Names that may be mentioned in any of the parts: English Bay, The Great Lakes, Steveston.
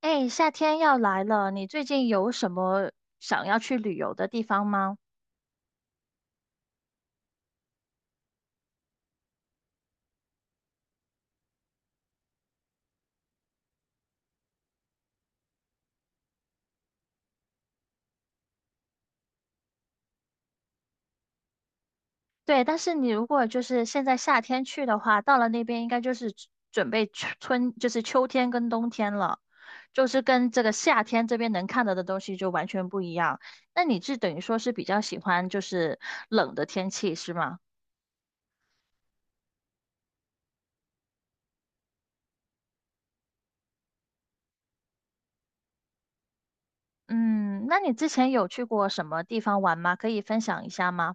哎，夏天要来了，你最近有什么想要去旅游的地方吗？对，但是你如果就是现在夏天去的话，到了那边应该就是准春就是秋天跟冬天了，就是跟这个夏天这边能看到的东西就完全不一样。那你是等于说是比较喜欢就是冷的天气是吗？嗯，那你之前有去过什么地方玩吗？可以分享一下吗？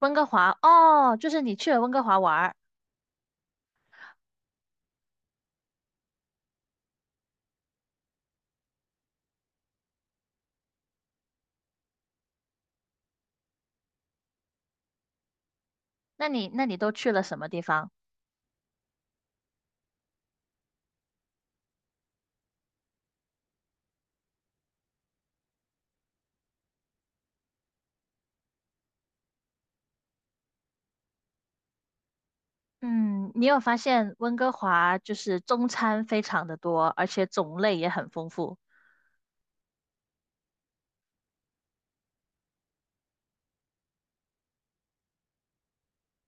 温哥华，哦，就是你去了温哥华玩儿，那你都去了什么地方？嗯，你有发现温哥华就是中餐非常的多，而且种类也很丰富。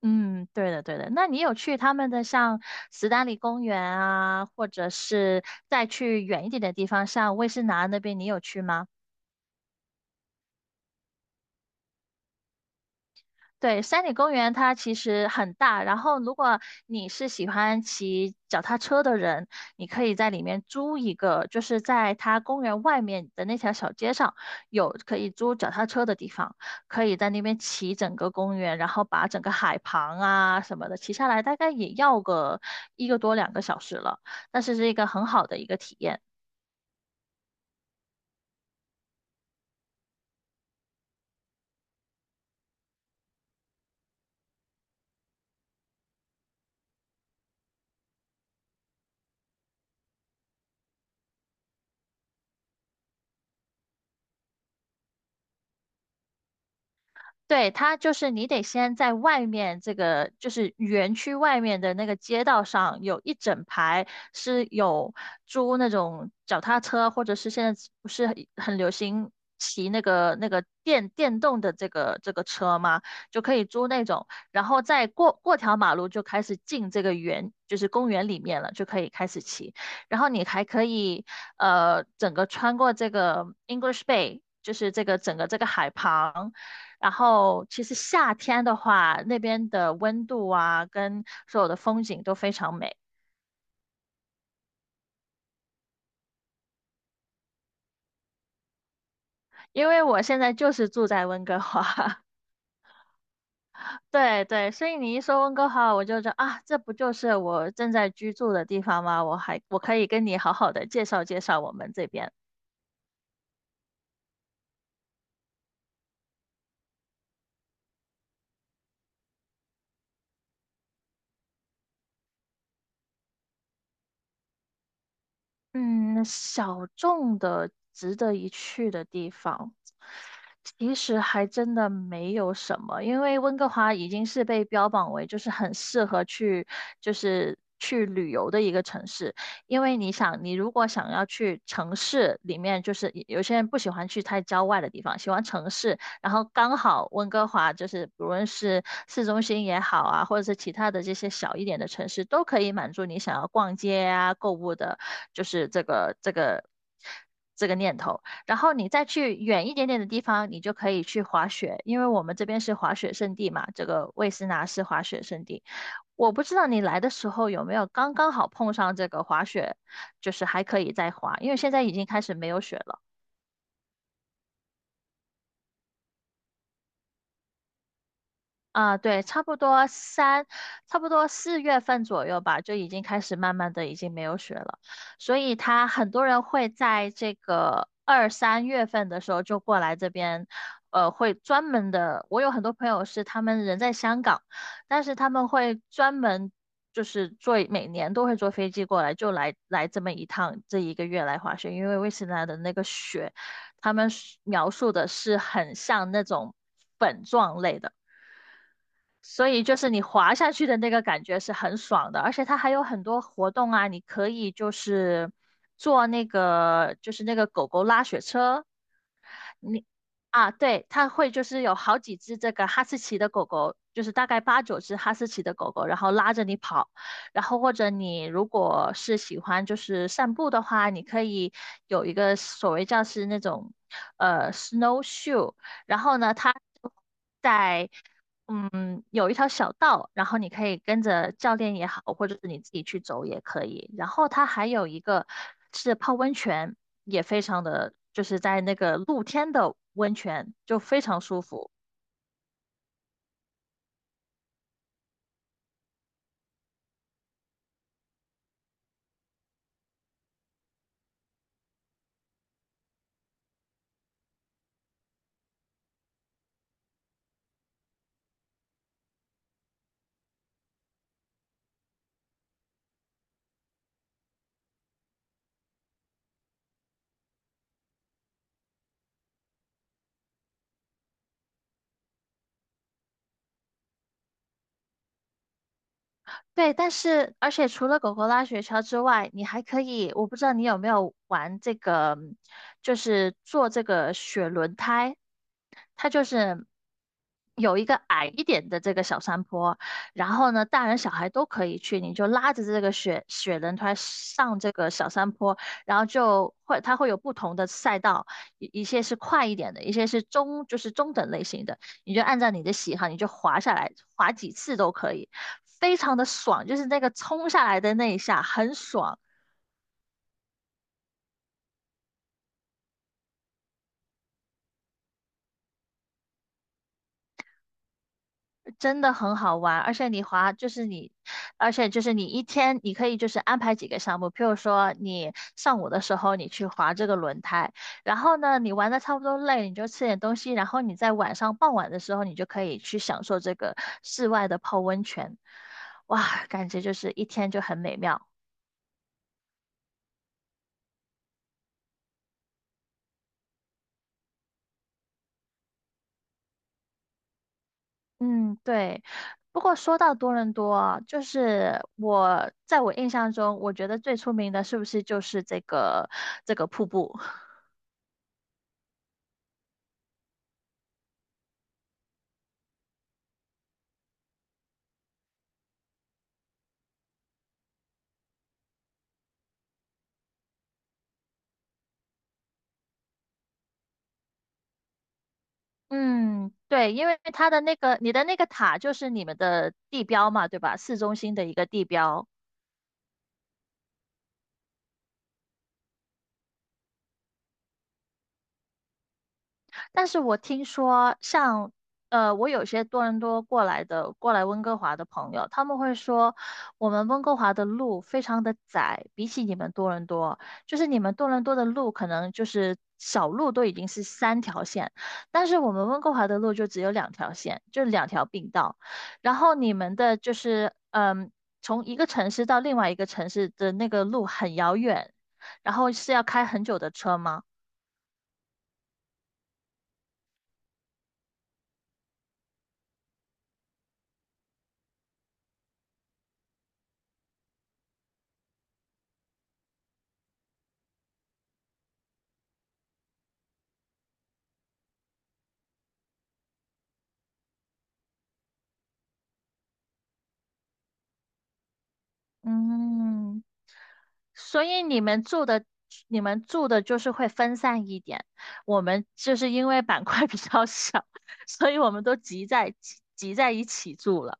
嗯，对的对的。那你有去他们的像斯丹利公园啊，或者是再去远一点的地方，像威士拿那边，你有去吗？对，山里公园它其实很大，然后如果你是喜欢骑脚踏车的人，你可以在里面租一个，就是在它公园外面的那条小街上有可以租脚踏车的地方，可以在那边骑整个公园，然后把整个海旁啊什么的骑下来，大概也要个一个多两个小时了，但是是一个很好的一个体验。对，它就是你得先在外面这个，就是园区外面的那个街道上，有一整排是有租那种脚踏车，或者是现在不是很流行骑那个电动的这个车吗？就可以租那种，然后再过条马路就开始进这个园，就是公园里面了，就可以开始骑。然后你还可以整个穿过这个 English Bay，就是这个整个这个海旁。然后其实夏天的话，那边的温度啊，跟所有的风景都非常美。因为我现在就是住在温哥华，对对，所以你一说温哥华，我就觉得啊，这不就是我正在居住的地方吗？我可以跟你好好的介绍介绍我们这边。嗯，小众的、值得一去的地方，其实还真的没有什么，因为温哥华已经是被标榜为就是很适合去，就是去旅游的一个城市。因为你想，你如果想要去城市里面，就是有些人不喜欢去太郊外的地方，喜欢城市，然后刚好温哥华就是不论是市中心也好啊，或者是其他的这些小一点的城市，都可以满足你想要逛街啊、购物的，就是这个念头。然后你再去远一点点的地方，你就可以去滑雪，因为我们这边是滑雪胜地嘛，这个魏斯拿是滑雪胜地。我不知道你来的时候有没有刚刚好碰上这个滑雪，就是还可以再滑，因为现在已经开始没有雪了。啊，对，差不多四月份左右吧，就已经开始慢慢的已经没有雪了，所以他很多人会在这个二三月份的时候就过来这边，呃，会专门的，我有很多朋友是他们人在香港，但是他们会专门就是坐，每年都会坐飞机过来，就来这么一趟，这一个月来滑雪，因为威斯兰的那个雪，他们是描述的是很像那种粉状类的。所以就是你滑下去的那个感觉是很爽的，而且它还有很多活动啊，你可以就是坐那个就是那个狗狗拉雪车，你啊，对，它会就是有好几只这个哈士奇的狗狗，就是大概八九只哈士奇的狗狗，然后拉着你跑，然后或者你如果是喜欢就是散步的话，你可以有一个所谓叫是那种snowshoe，然后呢它。在嗯，有一条小道，然后你可以跟着教练也好，或者是你自己去走也可以。然后它还有一个是泡温泉，也非常的，就是在那个露天的温泉，就非常舒服。对，但是而且除了狗狗拉雪橇之外，你还可以，我不知道你有没有玩这个，就是做这个雪轮胎，它就是有一个矮一点的这个小山坡，然后呢，大人小孩都可以去，你就拉着这个雪轮胎上这个小山坡，然后就会它会有不同的赛道，一些是快一点的，一些是中就是中等类型的。你就按照你的喜好，你就滑下来，滑几次都可以，非常的爽，就是那个冲下来的那一下很爽，真的很好玩。而且你滑就是你，而且就是你一天你可以就是安排几个项目，譬如说你上午的时候你去滑这个轮胎，然后呢你玩的差不多累，你就吃点东西，然后你在晚上傍晚的时候你就可以去享受这个室外的泡温泉，哇，感觉就是一天就很美妙。嗯，对。不过说到多伦多啊，就是我在我印象中，我觉得最出名的是不是就是这个瀑布？嗯，对，因为它的那个你的那个塔就是你们的地标嘛，对吧？市中心的一个地标。但是我听说像，呃，我有些多伦多过来的，过来温哥华的朋友，他们会说，我们温哥华的路非常的窄，比起你们多伦多，就是你们多伦多的路可能就是小路都已经是三条线，但是我们温哥华的路就只有两条线，就两条并道，然后你们的就是，嗯，从一个城市到另外一个城市的那个路很遥远，然后是要开很久的车吗？嗯。所以你们住的就是会分散一点。我们就是因为板块 比较小，所以我们都集在集集在一起住了。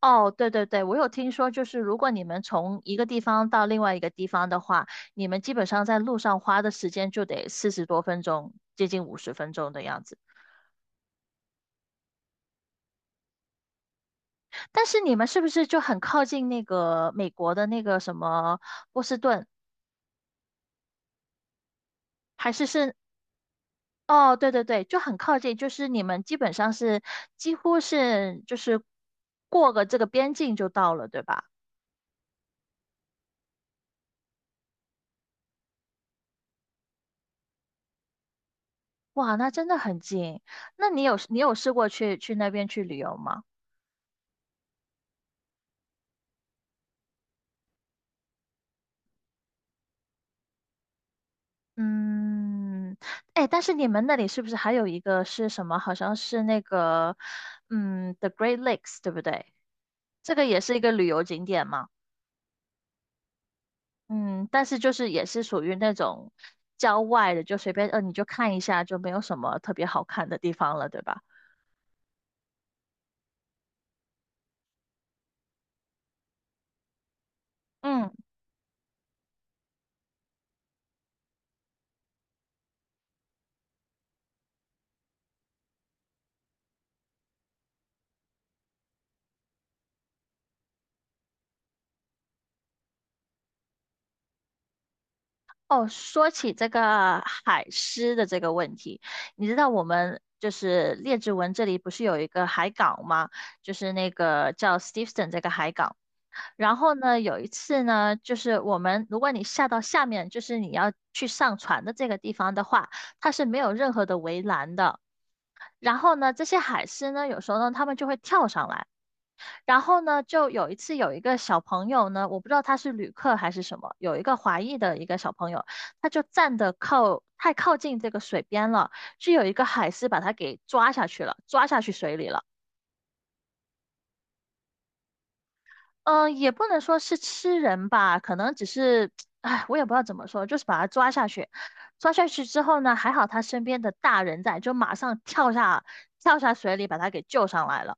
哦，对对对，我有听说，就是如果你们从一个地方到另外一个地方的话，你们基本上在路上花的时间就得四十多分钟，接近五十分钟的样子。但是你们是不是就很靠近那个美国的那个什么波士顿，还是是哦，对对对，就很靠近，就是你们基本上是几乎是就是过个这个边境就到了，对吧？哇，那真的很近。那你有试过去那边去旅游吗？嗯，哎，但是你们那里是不是还有一个是什么？好像是那个嗯，The Great Lakes，对不对？这个也是一个旅游景点嘛。嗯，但是就是也是属于那种郊外的，就随便你就看一下，就没有什么特别好看的地方了，对吧？嗯，哦，说起这个海狮的这个问题，你知道我们就是列治文这里不是有一个海港吗？就是那个叫 Steveston 这个海港。然后呢，有一次呢，就是我们如果你下到下面，就是你要去上船的这个地方的话，它是没有任何的围栏的。然后呢，这些海狮呢，有时候呢，它们就会跳上来。然后呢，就有一次有一个小朋友呢，我不知道他是旅客还是什么，有一个华裔的一个小朋友，他就站得靠太靠近这个水边了，就有一个海狮把他给抓下去了，抓下去水里了。嗯、呃也不能说是吃人吧，可能只是，哎，我也不知道怎么说，就是把他抓下去。抓下去之后呢，还好他身边的大人在，就马上跳下水里把他给救上来了。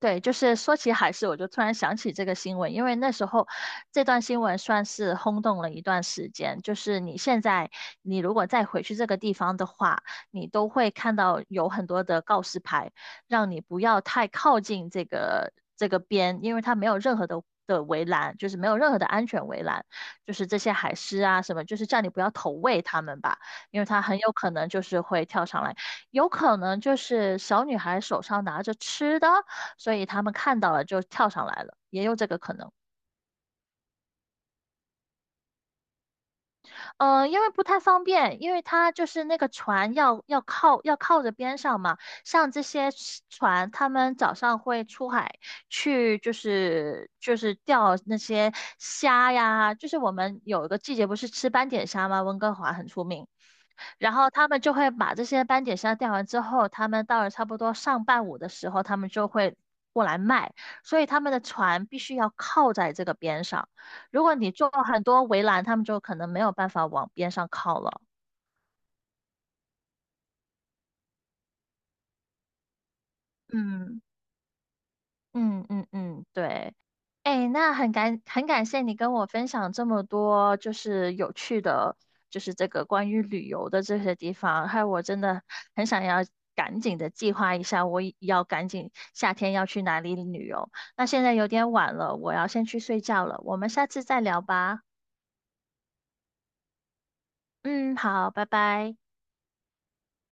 对，就是说起海狮，我就突然想起这个新闻，因为那时候这段新闻算是轰动了一段时间。就是你现在，你如果再回去这个地方的话，你都会看到有很多的告示牌，让你不要太靠近这个边，因为它没有任何的围栏，就是没有任何的安全围栏，就是这些海狮啊什么，就是叫你不要投喂它们吧，因为它很有可能就是会跳上来，有可能就是小女孩手上拿着吃的。所以他们看到了就跳上来了，也有这个可能。嗯呃，因为不太方便，因为它就是那个船要靠着边上嘛，像这些船，他们早上会出海去，就是钓那些虾呀，就是我们有一个季节不是吃斑点虾吗？温哥华很出名。然后他们就会把这些斑点虾钓完之后，他们到了差不多上半午的时候，他们就会过来卖，所以他们的船必须要靠在这个边上。如果你做很多围栏，他们就可能没有办法往边上靠了。嗯嗯嗯嗯，对。哎，那很感谢你跟我分享这么多，就是有趣的，就是这个关于旅游的这些地方，害我真的很想要赶紧的计划一下，我也要赶紧夏天要去哪里旅游。那现在有点晚了，我要先去睡觉了，我们下次再聊吧。嗯，好，拜拜。